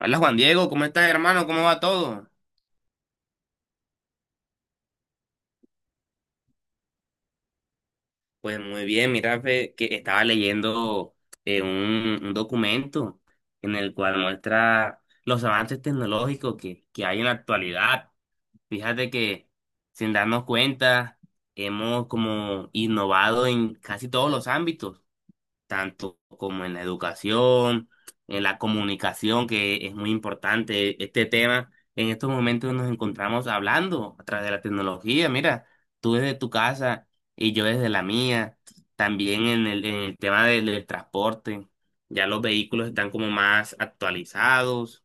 Hola Juan Diego, ¿cómo estás hermano? ¿Cómo va todo? Pues muy bien, mira, fe, que estaba leyendo un documento en el cual muestra los avances tecnológicos que hay en la actualidad. Fíjate que sin darnos cuenta hemos como innovado en casi todos los ámbitos, tanto como en la educación, en la comunicación, que es muy importante este tema. En estos momentos nos encontramos hablando a través de la tecnología. Mira, tú desde tu casa y yo desde la mía. También en el tema del transporte, ya los vehículos están como más actualizados.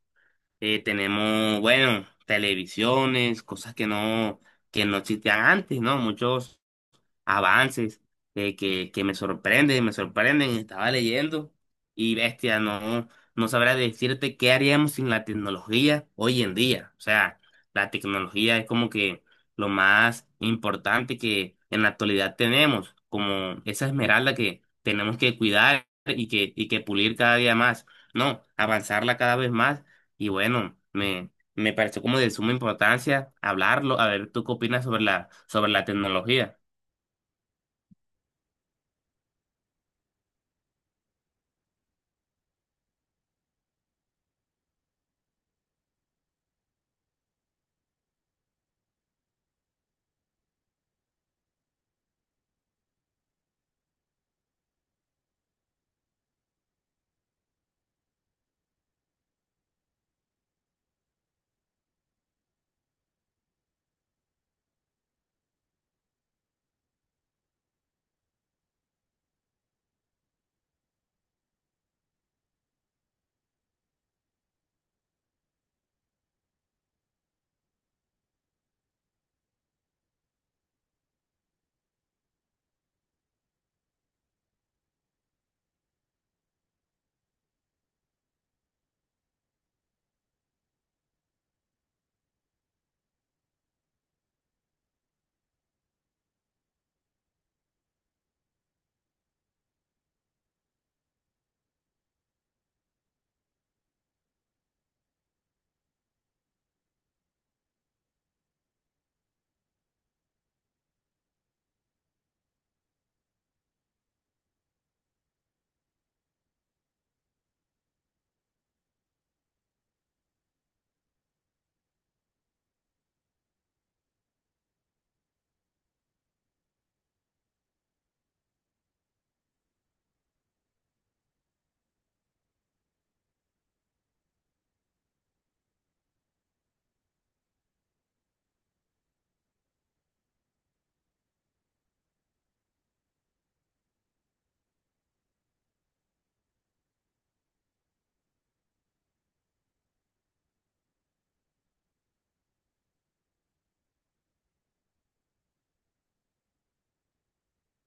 Tenemos, bueno, televisiones, cosas que no existían antes, ¿no? Muchos avances que me sorprenden, me sorprenden. Estaba leyendo y bestia, no, no sabría decirte qué haríamos sin la tecnología hoy en día. O sea, la tecnología es como que lo más importante que en la actualidad tenemos, como esa esmeralda que tenemos que cuidar y que pulir cada día más. No, avanzarla cada vez más. Y bueno, me pareció como de suma importancia hablarlo. A ver, ¿tú qué opinas sobre sobre la tecnología?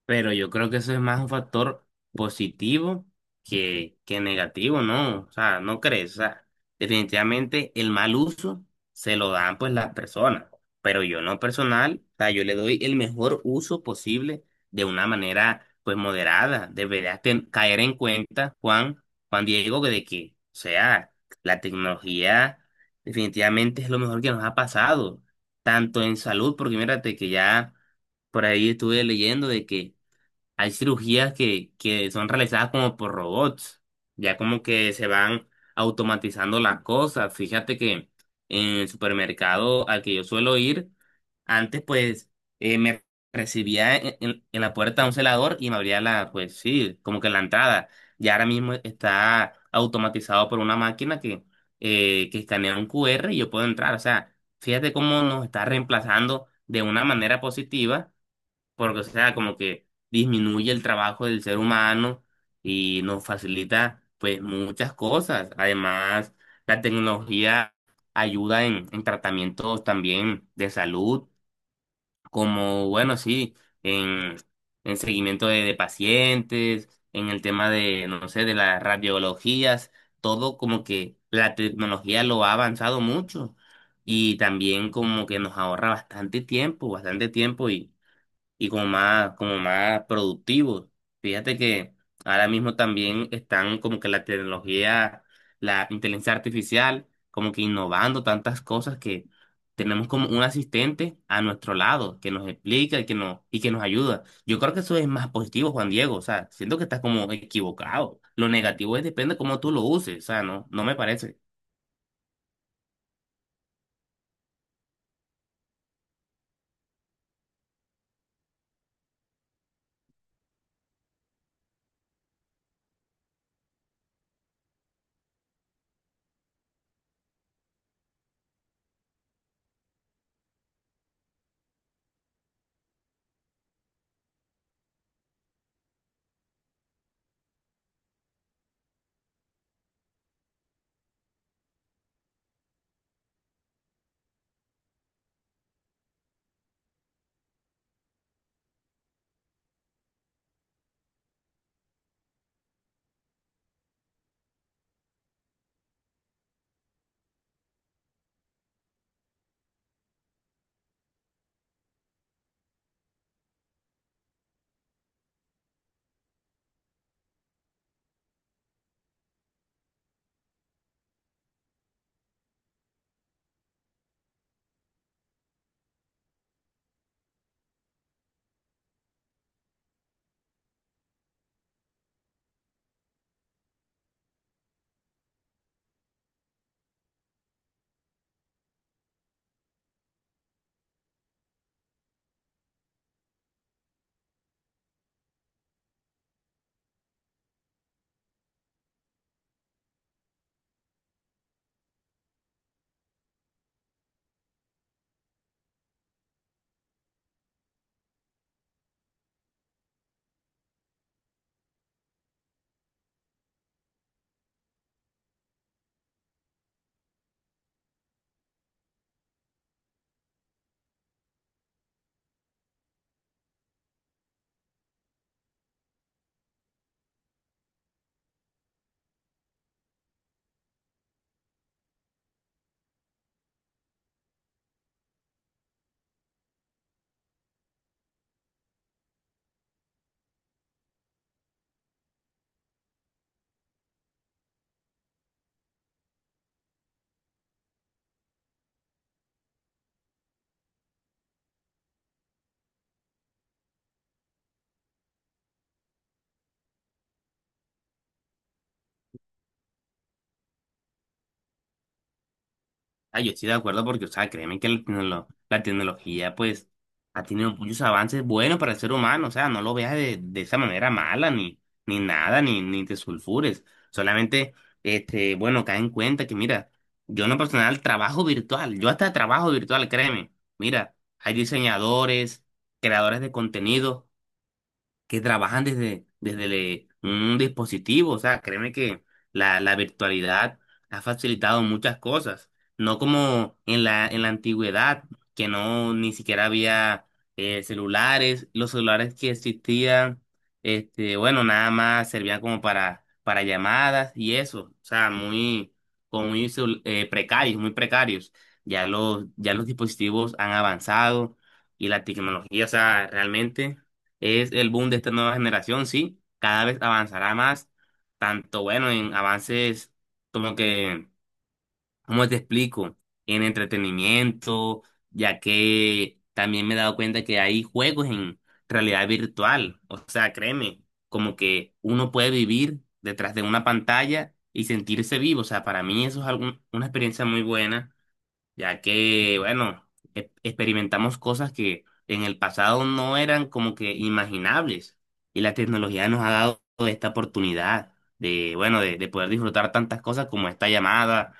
Pero yo creo que eso es más un factor positivo que negativo, ¿no? O sea, ¿no crees? O sea, definitivamente el mal uso se lo dan pues las personas, pero yo no personal, o sea, yo le doy el mejor uso posible de una manera pues moderada. Deberías caer en cuenta, Juan Diego, que, o sea, la tecnología definitivamente es lo mejor que nos ha pasado, tanto en salud, porque mírate que ya por ahí estuve leyendo de que hay cirugías que son realizadas como por robots, ya como que se van automatizando las cosas. Fíjate que en el supermercado al que yo suelo ir, antes pues me recibía en la puerta un celador y me abría la, pues sí, como que la entrada. Ya ahora mismo está automatizado por una máquina que escanea un QR y yo puedo entrar. O sea, fíjate cómo nos está reemplazando de una manera positiva porque, o sea, como que disminuye el trabajo del ser humano y nos facilita, pues, muchas cosas. Además, la tecnología ayuda en tratamientos también de salud, como, bueno, sí, en, en seguimiento de pacientes, en el tema de, no sé, de las radiologías, todo como que la tecnología lo ha avanzado mucho y también como que nos ahorra bastante tiempo, bastante tiempo y como más productivos. Fíjate que ahora mismo también están como que la tecnología, la inteligencia artificial, como que innovando tantas cosas que tenemos como un asistente a nuestro lado que nos explica y que nos ayuda. Yo creo que eso es más positivo, Juan Diego. O sea, siento que estás como equivocado. Lo negativo es depende de cómo tú lo uses. O sea, no, no me parece. Ah, yo estoy de acuerdo porque, o sea, créeme que la tecnología, pues, ha tenido muchos avances buenos para el ser humano, o sea, no lo veas de esa manera mala, ni, ni nada, ni te sulfures. Solamente, este, bueno, cae en cuenta que, mira, yo en lo personal trabajo virtual, yo hasta trabajo virtual, créeme. Mira, hay diseñadores, creadores de contenido, que trabajan desde un dispositivo. O sea, créeme que la virtualidad ha facilitado muchas cosas. No como en en la antigüedad, que no ni siquiera había celulares. Los celulares que existían, este, bueno, nada más servían como para llamadas y eso. O sea, muy, como muy precarios, muy precarios. Ya los dispositivos han avanzado y la tecnología, o sea, realmente. Es el boom de esta nueva generación, sí. Cada vez avanzará más, tanto bueno en avances como que, ¿cómo te explico? En entretenimiento, ya que también me he dado cuenta que hay juegos en realidad virtual. O sea, créeme, como que uno puede vivir detrás de una pantalla y sentirse vivo. O sea, para mí eso es una experiencia muy buena ya que, bueno, experimentamos cosas que en el pasado no eran como que imaginables y la tecnología nos ha dado esta oportunidad de, bueno, de poder disfrutar tantas cosas como esta llamada,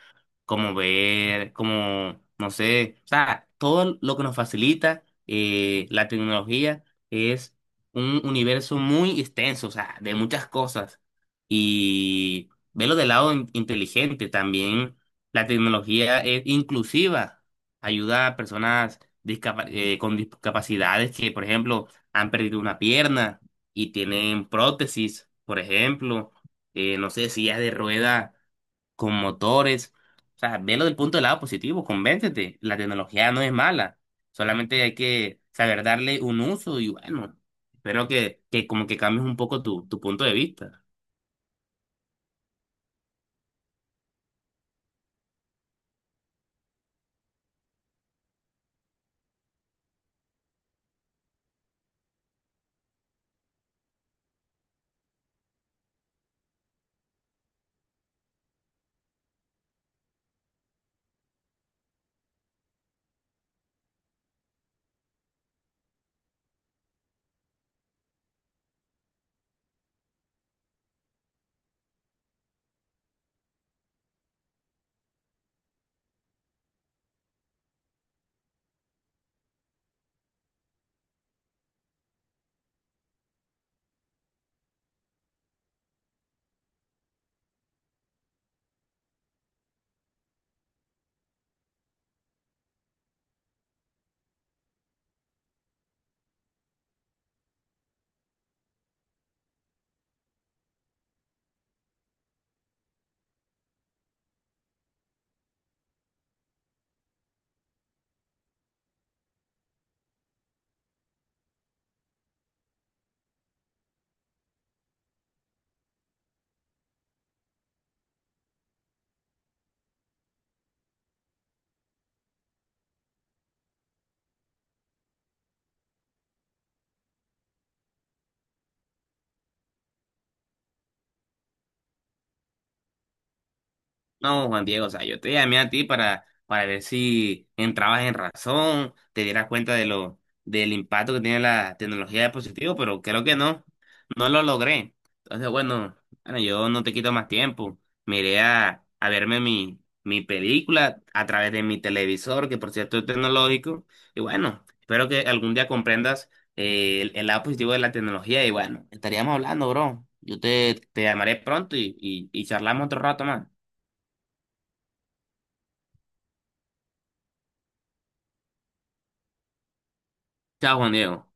como ver, como, no sé, o sea, todo lo que nos facilita la tecnología es un universo muy extenso, o sea, de muchas cosas y verlo del lado inteligente también. La tecnología es inclusiva, ayuda a personas con discapacidades que, por ejemplo, han perdido una pierna y tienen prótesis, por ejemplo, no sé, sillas de rueda con motores. O sea, velo del punto del lado positivo, convéncete, la tecnología no es mala, solamente hay que saber darle un uso y bueno, espero que como que cambies un poco tu punto de vista. No, Juan Diego, o sea, yo te llamé a ti para ver si entrabas en razón, te dieras cuenta de lo, del impacto que tiene la tecnología de dispositivos, pero creo que no, no lo logré. Entonces, bueno, bueno, yo no te quito más tiempo. Me iré a verme mi película a través de mi televisor, que por cierto es tecnológico. Y bueno, espero que algún día comprendas el lado positivo de la tecnología. Y bueno, estaríamos hablando, bro. Yo te llamaré pronto y charlamos otro rato más. Chao, Juan Diego.